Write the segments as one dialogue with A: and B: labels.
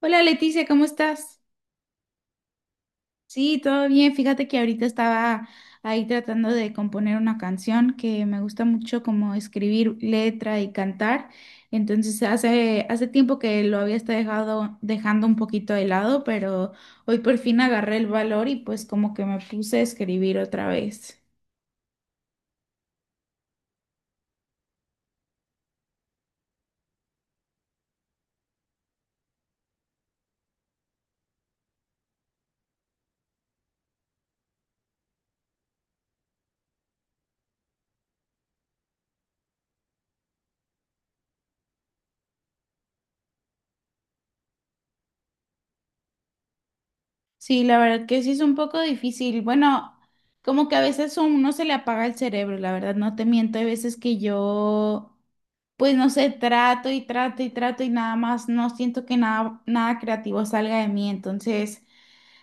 A: Hola Leticia, ¿cómo estás? Sí, todo bien. Fíjate que ahorita estaba ahí tratando de componer una canción que me gusta mucho como escribir letra y cantar. Entonces hace tiempo que lo había estado dejando un poquito de lado, pero hoy por fin agarré el valor y pues como que me puse a escribir otra vez. Sí, la verdad que sí es un poco difícil. Bueno, como que a veces a uno se le apaga el cerebro, la verdad, no te miento. Hay veces que yo, pues no sé, trato y trato y trato y nada más no siento que nada, nada creativo salga de mí. Entonces,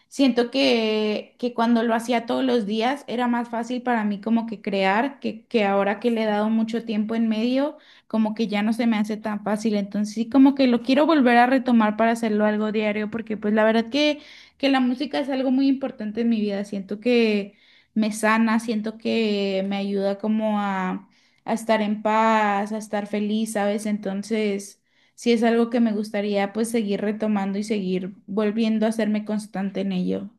A: siento que cuando lo hacía todos los días era más fácil para mí como que crear, que ahora que le he dado mucho tiempo en medio, como que ya no se me hace tan fácil. Entonces sí como que lo quiero volver a retomar para hacerlo algo diario, porque pues la verdad que la música es algo muy importante en mi vida. Siento que me sana, siento que me ayuda como a estar en paz, a estar feliz, ¿sabes? Entonces... Sí es algo que me gustaría pues seguir retomando y seguir volviendo a hacerme constante en ello.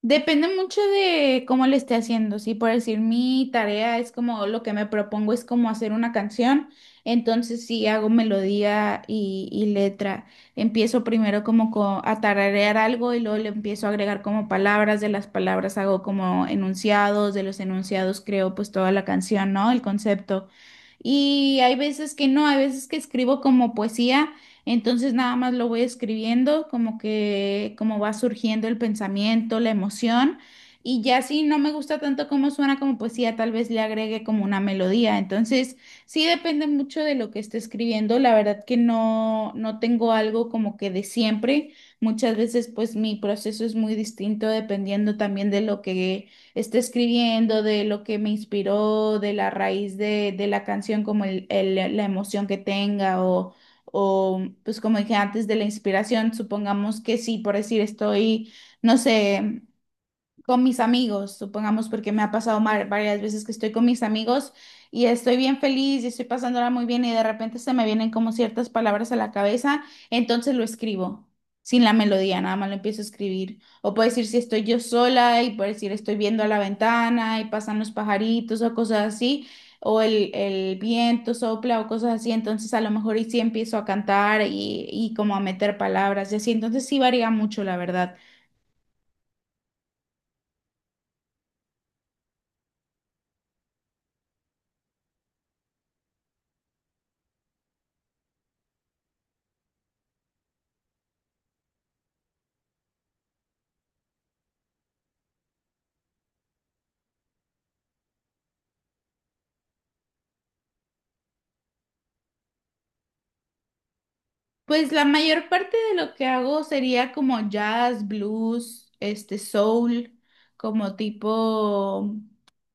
A: Depende mucho de cómo le esté haciendo, si por decir, mi tarea es como lo que me propongo es como hacer una canción, entonces si hago melodía y letra. Empiezo primero como a tararear algo y luego le empiezo a agregar como palabras, de las palabras hago como enunciados, de los enunciados creo pues toda la canción, ¿no? El concepto. Y hay veces que no, hay veces que escribo como poesía, entonces nada más lo voy escribiendo, como que como va surgiendo el pensamiento, la emoción, y ya si no me gusta tanto cómo suena como poesía, tal vez le agregue como una melodía. Entonces, sí depende mucho de lo que esté escribiendo, la verdad que no tengo algo como que de siempre. Muchas veces pues mi proceso es muy distinto dependiendo también de lo que esté escribiendo, de lo que me inspiró, de la raíz de la canción, como la emoción que tenga o, pues como dije antes, de la inspiración, supongamos que sí, por decir, estoy, no sé, con mis amigos, supongamos, porque me ha pasado varias veces que estoy con mis amigos y estoy bien feliz y estoy pasándola muy bien y de repente se me vienen como ciertas palabras a la cabeza, entonces lo escribo. Sin la melodía, nada más lo empiezo a escribir. O puedo decir si estoy yo sola y puedo decir estoy viendo a la ventana y pasan los pajaritos o cosas así, o el viento sopla o cosas así. Entonces a lo mejor y sí empiezo a cantar y como a meter palabras y así. Entonces sí varía mucho, la verdad. Pues la mayor parte de lo que hago sería como jazz, blues, este soul, como tipo,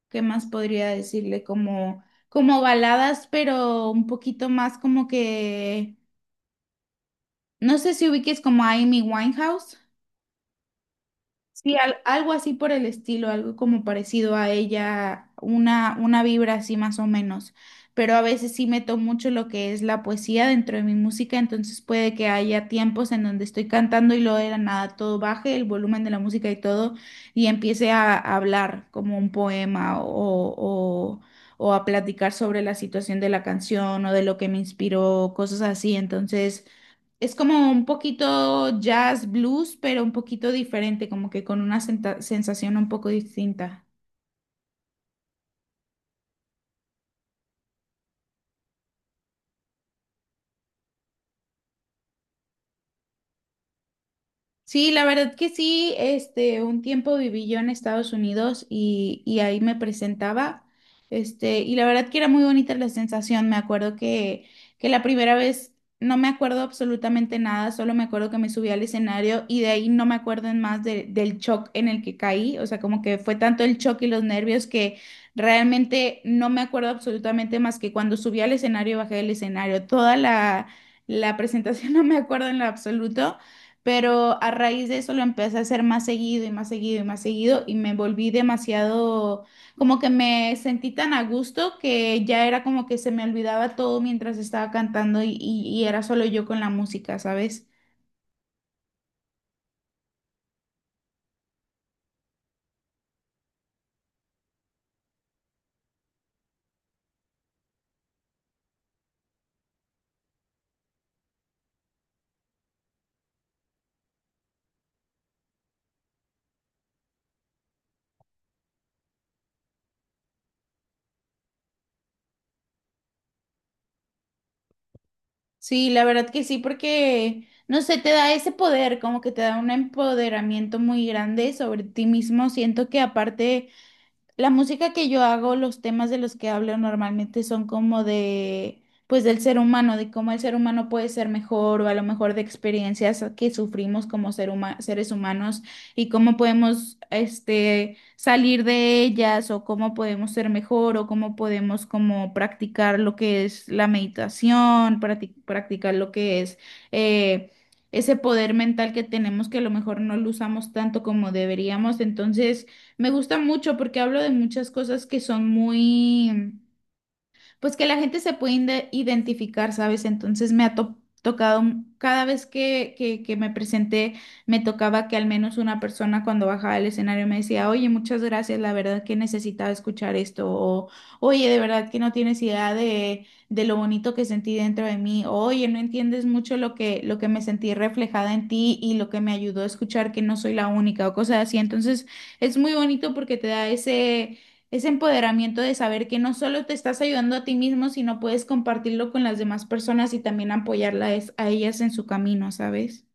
A: ¿qué más podría decirle? Como, como baladas, pero un poquito más como que, no sé si ubiques como a Amy Winehouse. Sí, algo así por el estilo, algo como parecido a ella, una vibra así más o menos. Pero a veces sí meto mucho lo que es la poesía dentro de mi música, entonces puede que haya tiempos en donde estoy cantando y luego de la nada todo baje, el volumen de la música y todo, y empiece a hablar como un poema o, o a platicar sobre la situación de la canción o de lo que me inspiró, cosas así. Entonces... Es como un poquito jazz blues, pero un poquito diferente, como que con una sensación un poco distinta. Sí, la verdad que sí, este, un tiempo viví yo en Estados Unidos y ahí me presentaba, este, y la verdad que era muy bonita la sensación, me acuerdo que la primera vez no me acuerdo absolutamente nada, solo me acuerdo que me subí al escenario y de ahí no me acuerdo en más del shock en el que caí, o sea, como que fue tanto el shock y los nervios que realmente no me acuerdo absolutamente más que cuando subí al escenario y bajé del escenario, toda la... La presentación no me acuerdo en lo absoluto. Pero a raíz de eso lo empecé a hacer más seguido y más seguido y más seguido y me volví demasiado, como que me sentí tan a gusto que ya era como que se me olvidaba todo mientras estaba cantando y era solo yo con la música, ¿sabes? Sí, la verdad que sí, porque, no sé, te da ese poder, como que te da un empoderamiento muy grande sobre ti mismo. Siento que aparte... La música que yo hago, los temas de los que hablo normalmente son como de, pues del ser humano, de cómo el ser humano puede ser mejor o a lo mejor de experiencias que sufrimos como ser seres humanos y cómo podemos, este, salir de ellas o cómo podemos ser mejor o cómo podemos como practicar lo que es la meditación, practicar lo que es, eh, ese poder mental que tenemos que a lo mejor no lo usamos tanto como deberíamos. Entonces, me gusta mucho porque hablo de muchas cosas que son muy, pues que la gente se puede identificar, ¿sabes? Entonces me ha tocado, cada vez que me presenté, me tocaba que al menos una persona cuando bajaba del escenario me decía, oye, muchas gracias, la verdad que necesitaba escuchar esto, o oye, de verdad que no tienes idea de lo bonito que sentí dentro de mí, o, oye, no entiendes mucho lo que me sentí reflejada en ti y lo que me ayudó a escuchar que no soy la única, o cosas así. Entonces es muy bonito porque te da ese empoderamiento de saber que no solo te estás ayudando a ti mismo, sino puedes compartirlo con las demás personas y también apoyarlas a ellas en su camino, ¿sabes?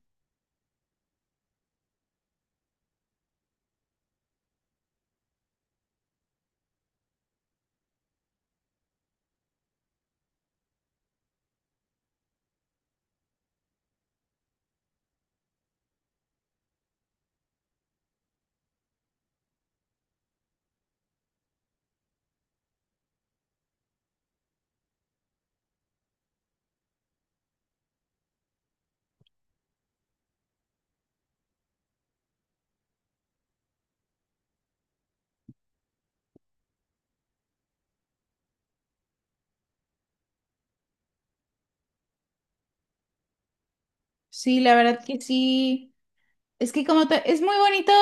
A: Sí, la verdad que sí. Es que como es muy bonito,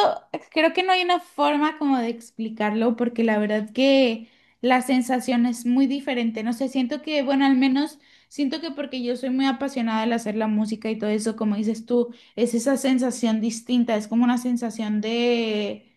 A: creo que no hay una forma como de explicarlo, porque la verdad que la sensación es muy diferente. No sé, siento que, bueno, al menos siento que porque yo soy muy apasionada al hacer la música y todo eso, como dices tú, es esa sensación distinta, es como una sensación de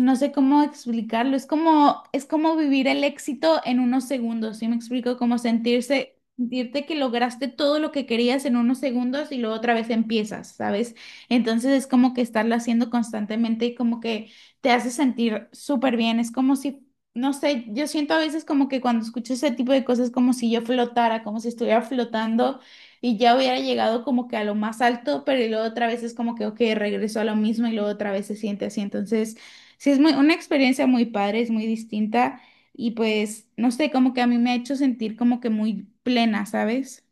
A: no sé cómo explicarlo, es como vivir el éxito en unos segundos, ¿sí me explico? Como sentirse, sentirte que lograste todo lo que querías en unos segundos y luego otra vez empiezas, ¿sabes? Entonces es como que estarlo haciendo constantemente y como que te hace sentir súper bien, es como si, no sé, yo siento a veces como que cuando escucho ese tipo de cosas como si yo flotara, como si estuviera flotando. Y ya hubiera llegado como que a lo más alto, pero y luego otra vez es como que, ok, regreso a lo mismo y luego otra vez se siente así. Entonces, sí, es muy, una experiencia muy padre, es muy distinta y pues, no sé, como que a mí me ha hecho sentir como que muy plena, ¿sabes?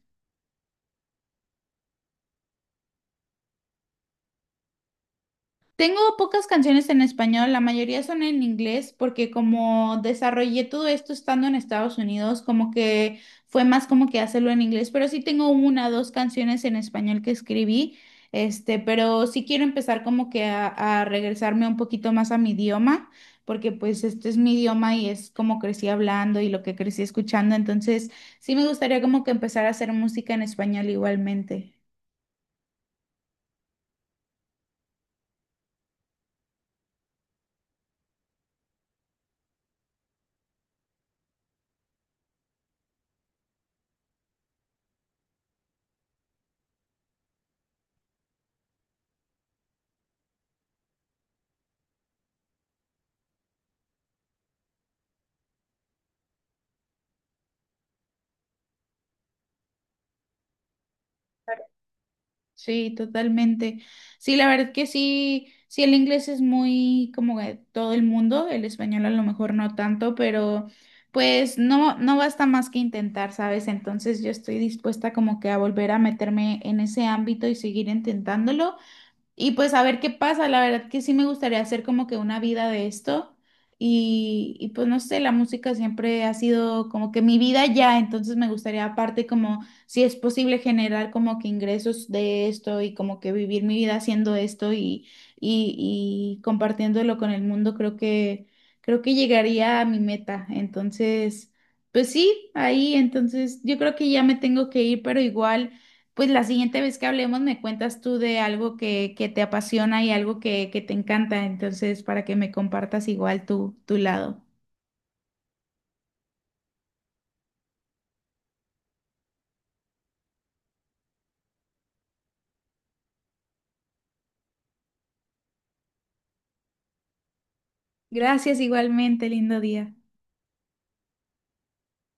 A: Tengo pocas canciones en español, la mayoría son en inglés porque como desarrollé todo esto estando en Estados Unidos, como que fue más como que hacerlo en inglés, pero sí tengo una dos canciones en español que escribí, este, pero sí quiero empezar como que a regresarme un poquito más a mi idioma, porque pues este es mi idioma y es como crecí hablando y lo que crecí escuchando, entonces sí me gustaría como que empezar a hacer música en español igualmente. Sí, totalmente. Sí, la verdad que sí, sí, el inglés es muy como de todo el mundo, el español a lo mejor no tanto, pero pues no, no basta más que intentar, ¿sabes? Entonces yo estoy dispuesta como que a volver a meterme en ese ámbito y seguir intentándolo. Y pues a ver qué pasa, la verdad que sí me gustaría hacer como que una vida de esto y pues no sé, la música siempre ha sido como que mi vida ya, entonces me gustaría aparte como si es posible generar como que ingresos de esto y como que vivir mi vida haciendo esto y compartiéndolo con el mundo, creo que llegaría a mi meta. Entonces, pues sí, ahí, entonces yo creo que ya me tengo que ir, pero igual. Pues la siguiente vez que hablemos me cuentas tú de algo que te apasiona y algo que te encanta, entonces para que me compartas igual tu, tu lado. Gracias igualmente, lindo día.